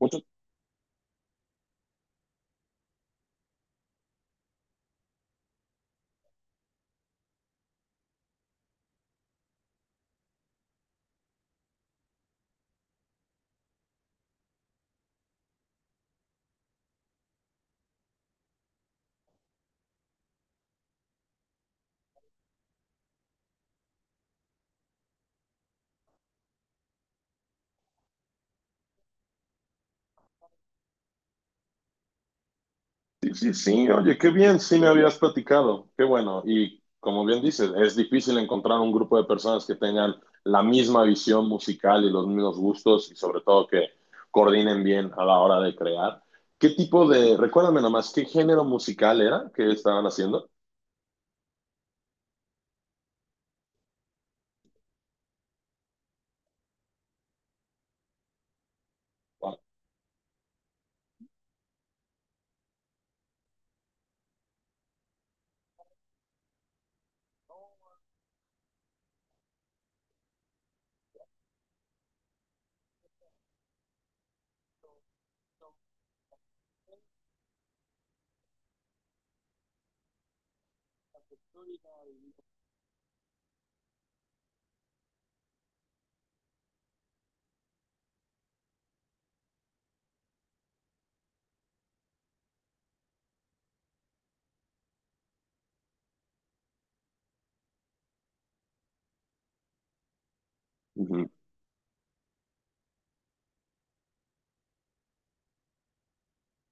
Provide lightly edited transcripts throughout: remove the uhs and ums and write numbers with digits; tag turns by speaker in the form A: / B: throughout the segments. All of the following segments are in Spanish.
A: Mucho, sí, sí, sí, oye, qué bien, sí me habías platicado, qué bueno. Y como bien dices, es difícil encontrar un grupo de personas que tengan la misma visión musical y los mismos gustos y sobre todo que coordinen bien a la hora de crear. Recuérdame nomás, ¿qué género musical era que estaban haciendo? Wow.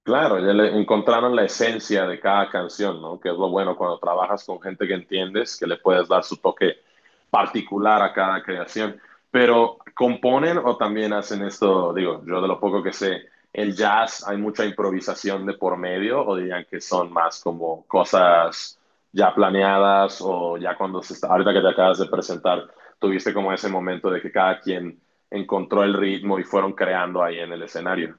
A: Claro, ya le encontraron la esencia de cada canción, ¿no? Que es lo bueno cuando trabajas con gente que entiendes, que le puedes dar su toque particular a cada creación. Pero componen o también hacen esto, digo, yo de lo poco que sé, el jazz hay mucha improvisación de por medio o dirían que son más como cosas ya planeadas o ya cuando se está, ahorita que te acabas de presentar, tuviste como ese momento de que cada quien encontró el ritmo y fueron creando ahí en el escenario.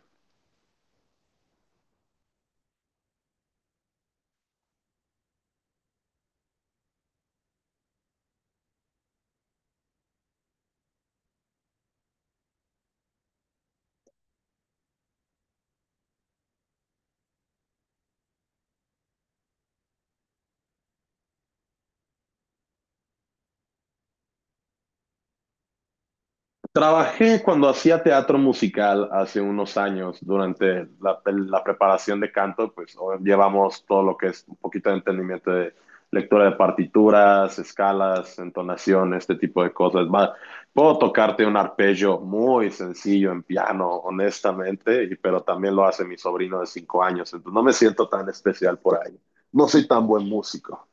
A: Trabajé cuando hacía teatro musical hace unos años, durante la preparación de canto, pues o- llevamos todo lo que es un poquito de entendimiento de lectura de partituras, escalas, entonación, este tipo de cosas. Puedo tocarte un arpegio muy sencillo en piano, honestamente, y- pero también lo hace mi sobrino de 5 años, entonces no me siento tan especial por ahí. No soy tan buen músico.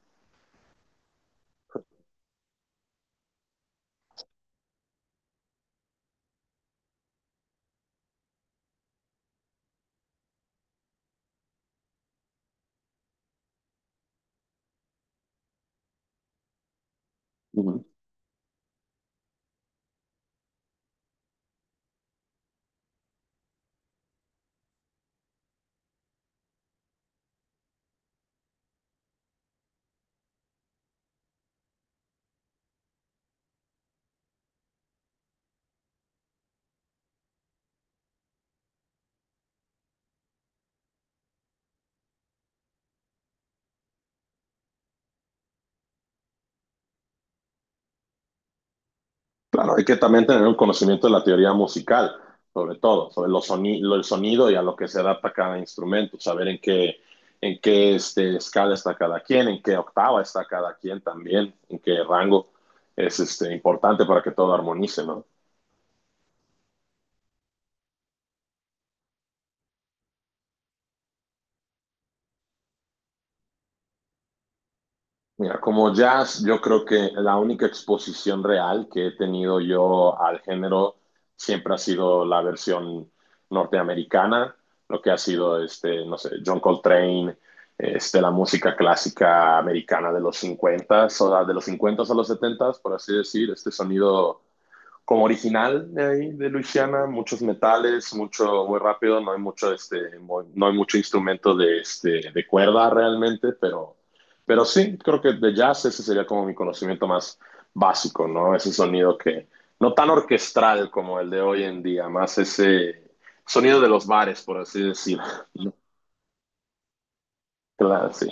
A: Claro, hay que también tener un conocimiento de la teoría musical, sobre todo, sobre el sonido y a lo que se adapta cada instrumento, saber en qué este, escala está cada quien, en qué octava está cada quien también, en qué rango es este, importante para que todo armonice, ¿no? Mira, como jazz, yo creo que la única exposición real que he tenido yo al género siempre ha sido la versión norteamericana, lo que ha sido, este, no sé, John Coltrane, este, la música clásica americana de los 50, o sea, de los 50 a los 70, por así decir, este sonido como original de ahí, de Luisiana, muchos metales, mucho muy rápido, no hay mucho, este, no hay mucho instrumento de, este, de cuerda realmente, pero sí, creo que de jazz ese sería como mi conocimiento más básico, ¿no? Ese sonido que, no tan orquestral como el de hoy en día, más ese sonido de los bares, por así decirlo. ¿No? Claro, sí.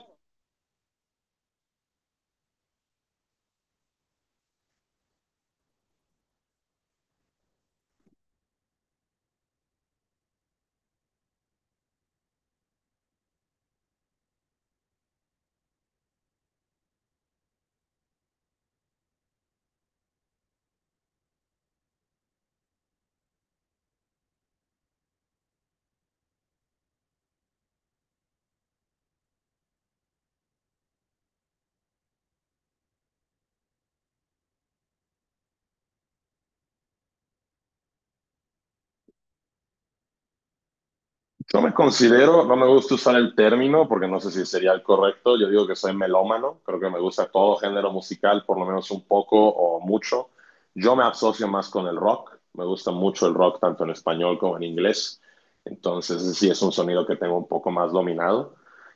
A: Yo me considero, no me gusta usar el término porque no sé si sería el correcto. Yo digo que soy melómano, creo que me gusta todo género musical, por lo menos un poco o mucho. Yo me asocio más con el rock, me gusta mucho el rock tanto en español como en inglés. Entonces, ese sí es un sonido que tengo un poco más dominado.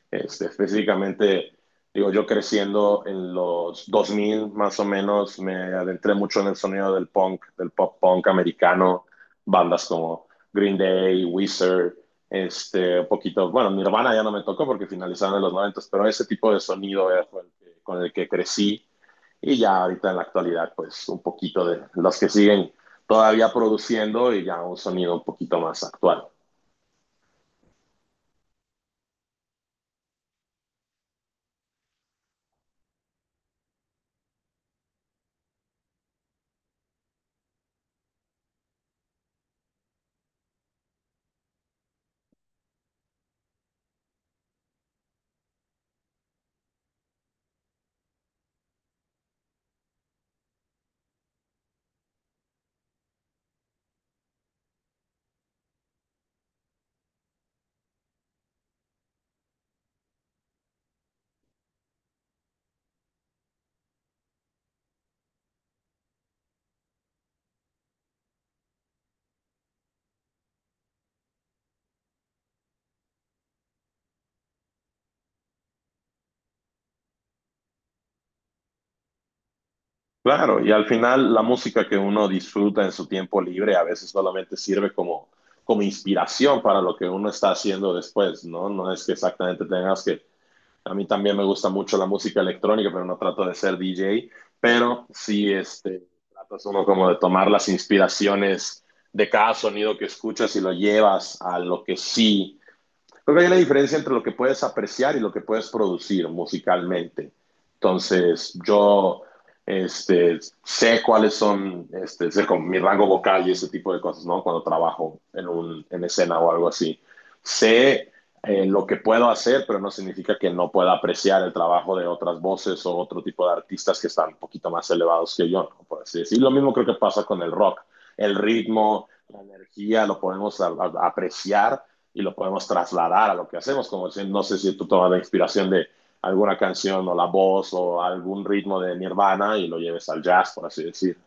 A: Este, específicamente, digo, yo creciendo en los 2000 más o menos, me adentré mucho en el sonido del punk, del pop punk americano, bandas como Green Day, Weezer, este, un poquito, bueno, Nirvana ya no me tocó porque finalizaron en los noventas, pero ese tipo de sonido fue el que, con el que crecí, y ya ahorita en la actualidad, pues un poquito de los que siguen todavía produciendo y ya un sonido un poquito más actual. Claro, y al final la música que uno disfruta en su tiempo libre a veces solamente sirve como, inspiración para lo que uno está haciendo después, ¿no? No es que exactamente tengas que. A mí también me gusta mucho la música electrónica, pero no trato de ser DJ, pero sí este, tratas uno como de tomar las inspiraciones de cada sonido que escuchas y lo llevas a lo que sí. Creo que hay una diferencia entre lo que puedes apreciar y lo que puedes producir musicalmente. Entonces, yo este, sé cuáles son este, sé con mi rango vocal y ese tipo de cosas, ¿no? Cuando trabajo en, un, en escena o algo así. Sé lo que puedo hacer, pero no significa que no pueda apreciar el trabajo de otras voces o otro tipo de artistas que están un poquito más elevados que yo, ¿no? Por así decirlo. Lo mismo creo que pasa con el rock. El ritmo, la energía, lo podemos apreciar y lo podemos trasladar a lo que hacemos, como decir, no sé si tú tomas la inspiración de alguna canción o la voz o algún ritmo de Nirvana y lo lleves al jazz, por así decir.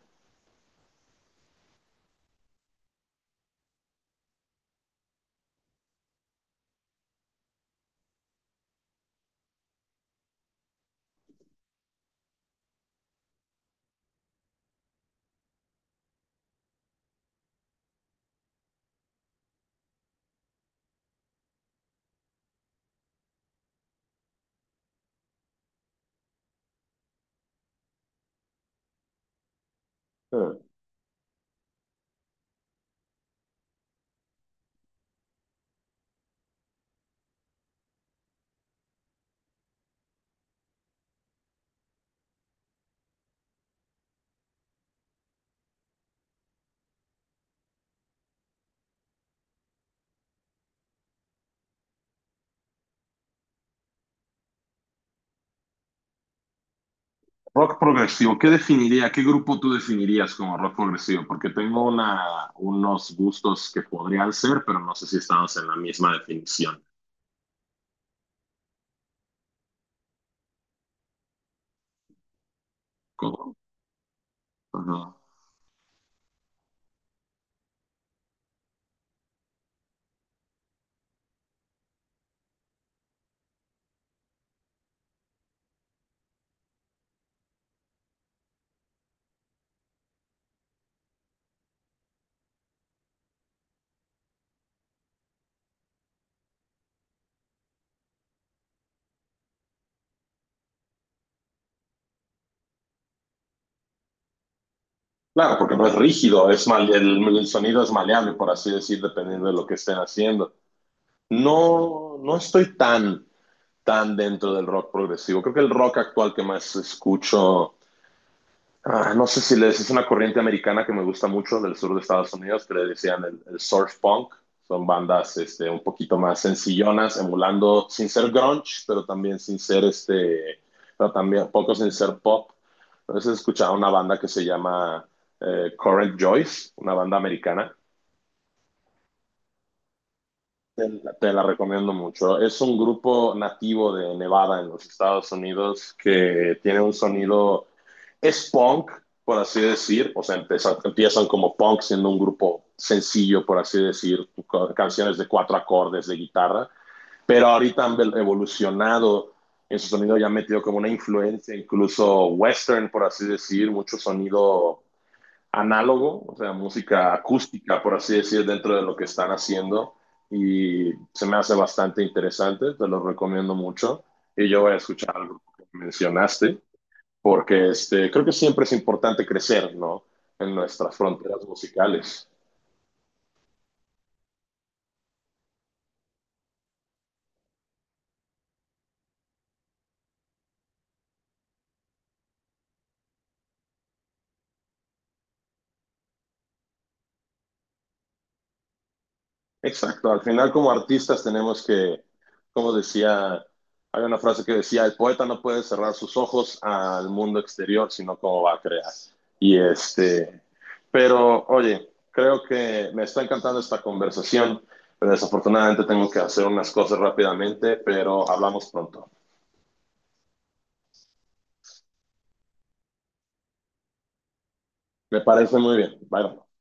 A: Rock progresivo, ¿qué definiría, qué grupo tú definirías como rock progresivo? Porque tengo unos gustos que podrían ser, pero no sé si estamos en la misma definición. Como, uh -huh. Claro, porque no es rígido, es mal, sonido es maleable, por así decir, dependiendo de lo que estén haciendo. No, no estoy tan dentro del rock progresivo. Creo que el rock actual que más escucho, ah, no sé si les es una corriente americana que me gusta mucho del sur de Estados Unidos, que le decían el surf punk. Son bandas este, un poquito más sencillonas, emulando sin ser grunge, pero también sin ser este, pero también poco sin ser pop. Entonces escuchaba una banda que se llama Current Joyce, una banda americana. Te, te la recomiendo mucho. Es un grupo nativo de Nevada en los Estados Unidos que tiene un sonido, es punk, por así decir, o sea, empiezan como punk siendo un grupo sencillo, por así decir, canciones de cuatro acordes de guitarra, pero ahorita han evolucionado en su sonido, ya han metido como una influencia incluso western, por así decir, mucho sonido análogo, o sea, música acústica, por así decir, dentro de lo que están haciendo. Y se me hace bastante interesante, te lo recomiendo mucho. Y yo voy a escuchar algo que mencionaste, porque este, creo que siempre es importante crecer, ¿no? En nuestras fronteras musicales. Exacto, al final como artistas tenemos que, como decía, hay una frase que decía, el poeta no puede cerrar sus ojos al mundo exterior, sino cómo va a crear. Y este, pero oye, creo que me está encantando esta conversación, pero desafortunadamente tengo que hacer unas cosas rápidamente, pero hablamos pronto. Me parece muy bien. Bye. Bye.